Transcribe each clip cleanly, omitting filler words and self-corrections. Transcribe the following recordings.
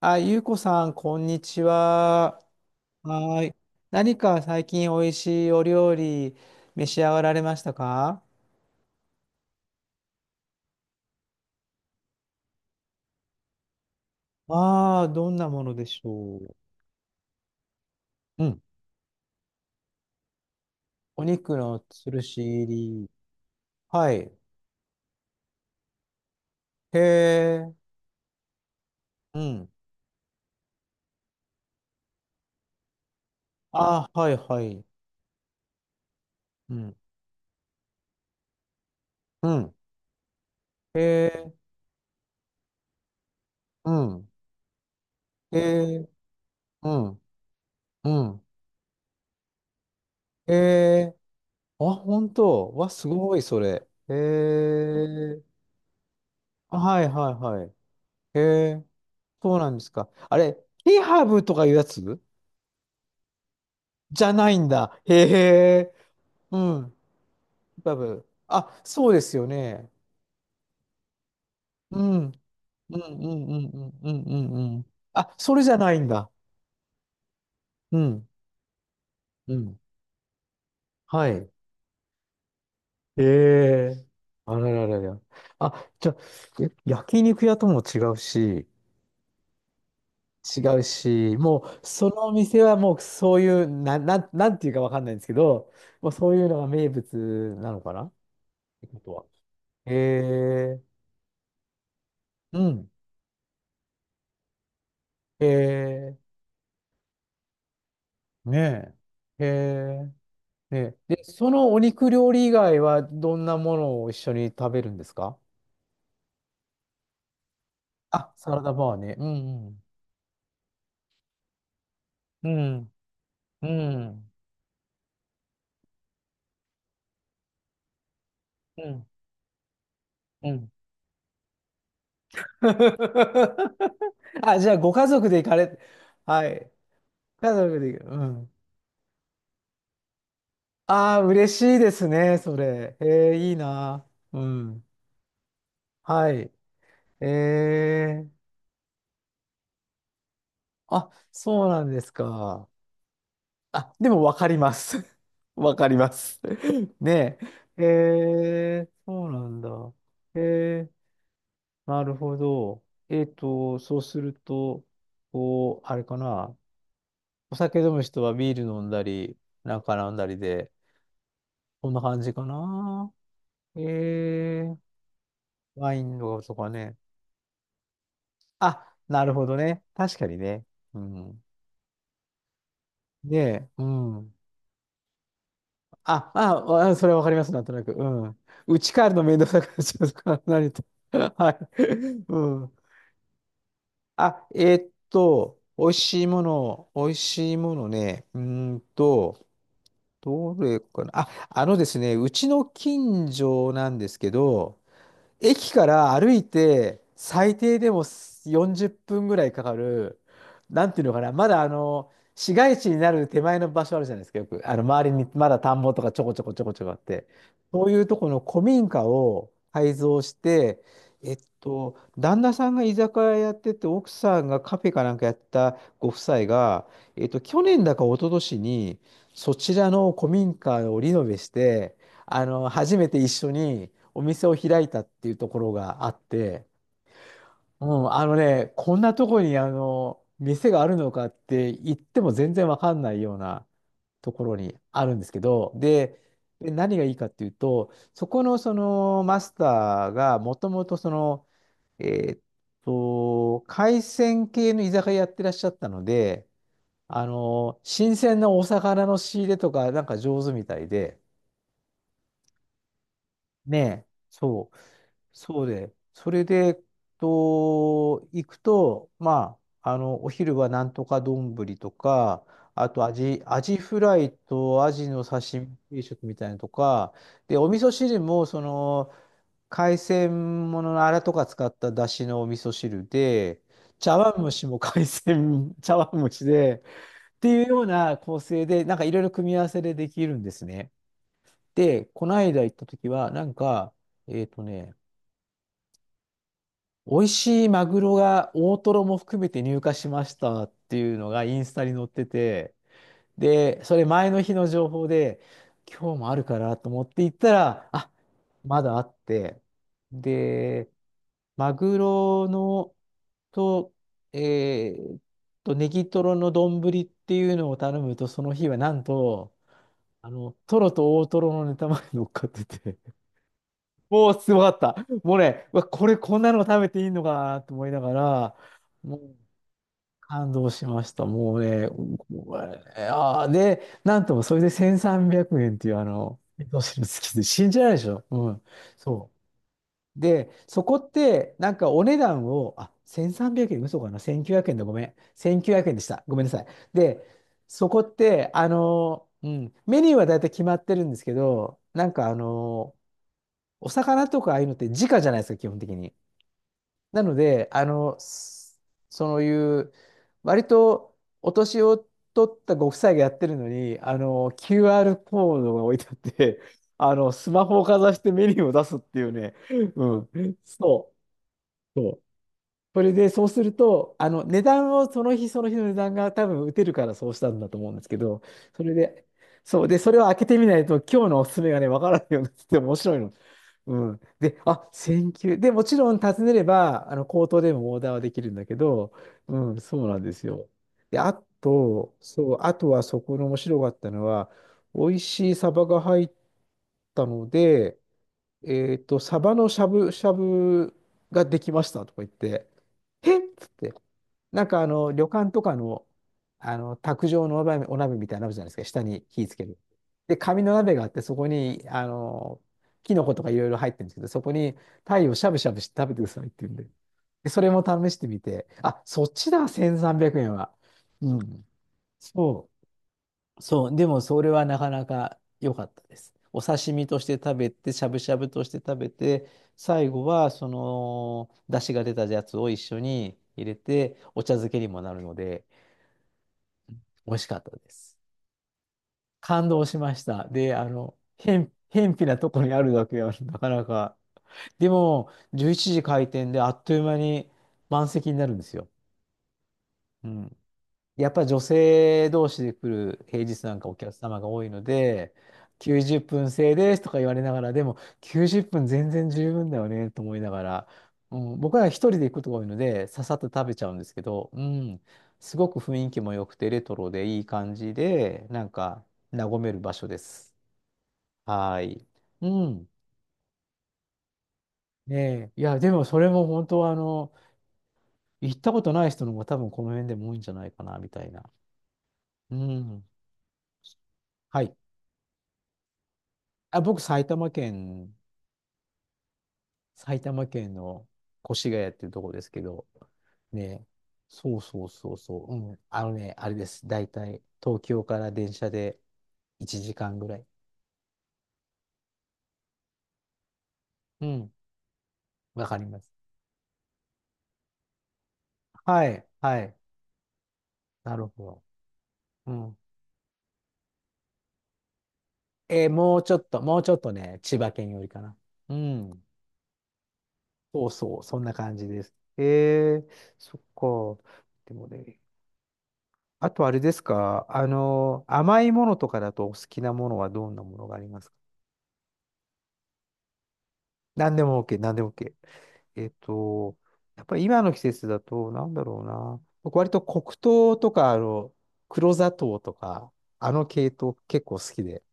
あ、ゆうこさん、こんにちは。はーい。何か最近おいしいお料理召し上がられましたか？ああー、どんなものでしょう。うん。お肉のつるし入り。はい。へえ。うん。ああ、はいはい。うん。うん。へえ。うん。へえ。うん。うん。へえ。あ、本当。わ、すごい、それ。へえ。あはいはいはい。へえ。そうなんですか。あれ、ケハブとかいうやつじゃないんだ。へえ。うん。ケハブ。あ、そうですよね。うん。うんうんうんうんうんうんうん。あ、それじゃないんだ。うん。うん。はい。へえ。あらららら。あ、じゃあ、焼肉屋とも違うし、違うし、もう、そのお店はもうそういう、なんていうかわかんないんですけど、もうそういうのが名物なのかなってことは。へえ、うん、へえ、ねえ、へえ、ねえ。で、そのお肉料理以外はどんなものを一緒に食べるんですか？あ、サラダバーね。うん、うん、うん、うん、うん。あ、じゃあ、ご家族で行かれ、はい、家族で行く。うん。ああ、嬉しいですね、それ。ええ、いいな。うん。はい。ええ、あ、そうなんですか。あ、でもわかります。わかります。ねえ。そうなんだ。えー、なるほど。そうすると、こう、あれかな。お酒飲む人はビール飲んだり、なんか飲んだりで、こんな感じかな。えー、ワインとかね。あ、なるほどね。確かにね。うん。で、うん。あ、あ、あ、それはわかります、なんとなく。うん。うち帰るの面倒くさくなっちゃうとか、何と。はい。うん。あ、美味しいもの、美味しいものね。んと、どれかな。あ、あのですね、うちの近所なんですけど、駅から歩いて最低でも40分ぐらいかかる、なんていうのかな、まだ市街地になる手前の場所あるじゃないですか、よく。あの、周りにまだ田んぼとかちょこちょこちょこちょこあって。そういうとこの古民家を改造して、旦那さんが居酒屋やってて、奥さんがカフェかなんかやったご夫妻が、去年だか一昨年に、そちらの古民家をリノベして、初めて一緒にお店を開いたっていうところがあって、うん、あのね、こんなとこに店があるのかって言っても全然わかんないようなところにあるんですけど、で何がいいかっていうと、そこのそのマスターがもともとその、えーっ海鮮系の居酒屋やってらっしゃったので、新鮮なお魚の仕入れとかなんか上手みたいで、ねえ、そう。そうで、それで、行くと、まあ、お昼はなんとか丼とか、あとアジフライとアジの刺身定食みたいなのとか、で、お味噌汁も、海鮮もののアラとか使った出汁のお味噌汁で、茶碗蒸しも海鮮、茶碗蒸しで、っていうような構成で、なんかいろいろ組み合わせでできるんですね。で、この間行った時は、なんか、えっとね、美味しいマグロが大トロも含めて入荷しましたっていうのがインスタに載ってて、で、それ前の日の情報で、今日もあるからと思って行ったら、あ、まだあって、で、マグロのと、えーっネギトロの丼っていうのを頼むと、その日はなんと、トロと大トロのネタまで乗っかっててもうすごかった。もうね、うわ、これこんなの食べていいのかなと思いながら、もう感動しました。もうね、これで、なんともそれで1300円っていうどうする好きで信じられないでしょ。うん。そう。で、そこって、なんかお値段を、あ、1300円、嘘かな？ 1900円でごめん。1900円でした。ごめんなさい。で、そこって、うん、メニューは大体決まってるんですけど、なんかお魚とかああいうのって直じゃないですか、基本的に。なので、そういう、割とお年を取ったご夫妻がやってるのに、QR コードが置いてあって、スマホをかざしてメニューを出すっていうね、うん、そう、そうそれで、そうすると、値段を、その日その日の値段が多分打てるからそうしたんだと思うんですけど、それで、そう、で、それを開けてみないと、今日のおすすめがね、わからないようになってて面白いの。うん。で、あ、選球。で、もちろん尋ねれば、口頭でもオーダーはできるんだけど、うん、そうなんですよ。で、あと、そう、あとはそこの面白かったのは、美味しいサバが入ったので、サバのしゃぶしゃぶができましたとか言って、えっつって、なんか旅館とかの、卓上のお鍋みたいなのあるじゃないですか、下に火つける。で、紙の鍋があって、そこに、キノコとかいろいろ入ってるんですけど、そこに鯛をしゃぶしゃぶして食べてくださいって言うんで。で、それも試してみて、あ、そっちだ、1300円は。うん。そう。そう、でもそれはなかなか良かったです。お刺身として食べて、しゃぶしゃぶとして食べて、最後はその出汁が出たやつを一緒に入れて、お茶漬けにもなるので、美味しかったです。感動しました。で、へんぴなとこにあるだけはなかなか。でも、11時開店であっという間に満席になるんですよ。うん。やっぱり女性同士で来る平日なんかお客様が多いので、90分制ですとか言われながら、でも90分全然十分だよねと思いながら、うん、僕は一人で行くことが多いので、ささっと食べちゃうんですけど、うん、すごく雰囲気も良くて、レトロでいい感じで、なんか和める場所です。はい。うん。ねえ。いや、でもそれも本当は、行ったことない人の方が多分この辺でも多いんじゃないかな、みたいな。うん。はい。あ、僕、埼玉県の越谷っていうところですけど、ね、そうそうそうそう、うん、あのね、あれです。大体、東京から電車で1時間ぐらい。うん、わかります。はい、はい、なるほど。うん。もうちょっと、もうちょっとね、千葉県よりかな。うん、そうそう、そんな感じです。そっか。でもね、あとあれですか、甘いものとかだとお好きなものはどんなものがありますか？何でも OK、何でも OK。えっと、やっぱり今の季節だと、なんだろうな。僕割と黒糖とか、黒砂糖とか、あの系統結構好きで。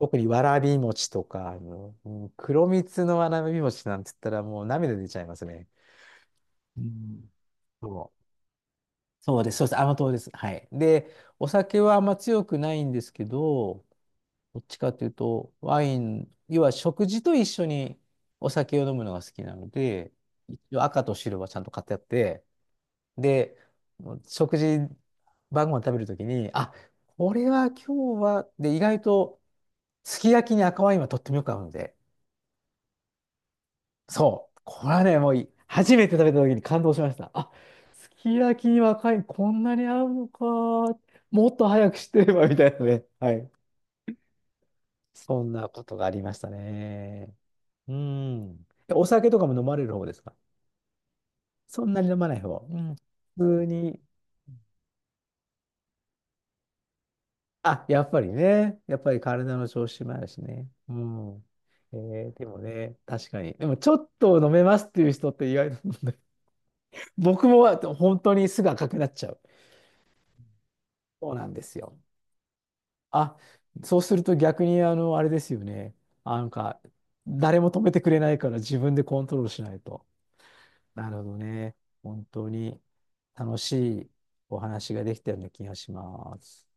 特にわらび餅とか、うん黒蜜のわらび餅なんて言ったらもう涙出ちゃいますね。うん、そうそうです、そうです。甘党です。はい。で、お酒はあんま強くないんですけど、どっちかというと、ワイン、要は食事と一緒にお酒を飲むのが好きなので、一応赤と白はちゃんと買ってあって、で、食事、晩ご飯食べるときに、あ、これは今日は、で、意外と、すき焼きに赤ワインはとってもよく合うので、そう、これはね、もう初めて食べたときに感動しました。あ、すき焼きに赤ワインこんなに合うのか、もっと早く知ってれば、みたいなね。はい。そんなことがありましたね。うん。お酒とかも飲まれる方ですか？そんなに飲まない方。うん。普通に。あ、やっぱりね。やっぱり体の調子もあるしね。うん。えでもね、確かに。でも、ちょっと飲めますっていう人って意外と 僕も本当にすぐ赤くなっちゃう。そうなんですよ。あ、そうすると逆に、あれですよね。あなんか、誰も止めてくれないから自分でコントロールしないと。なるほどね。本当に楽しいお話ができたような気がします。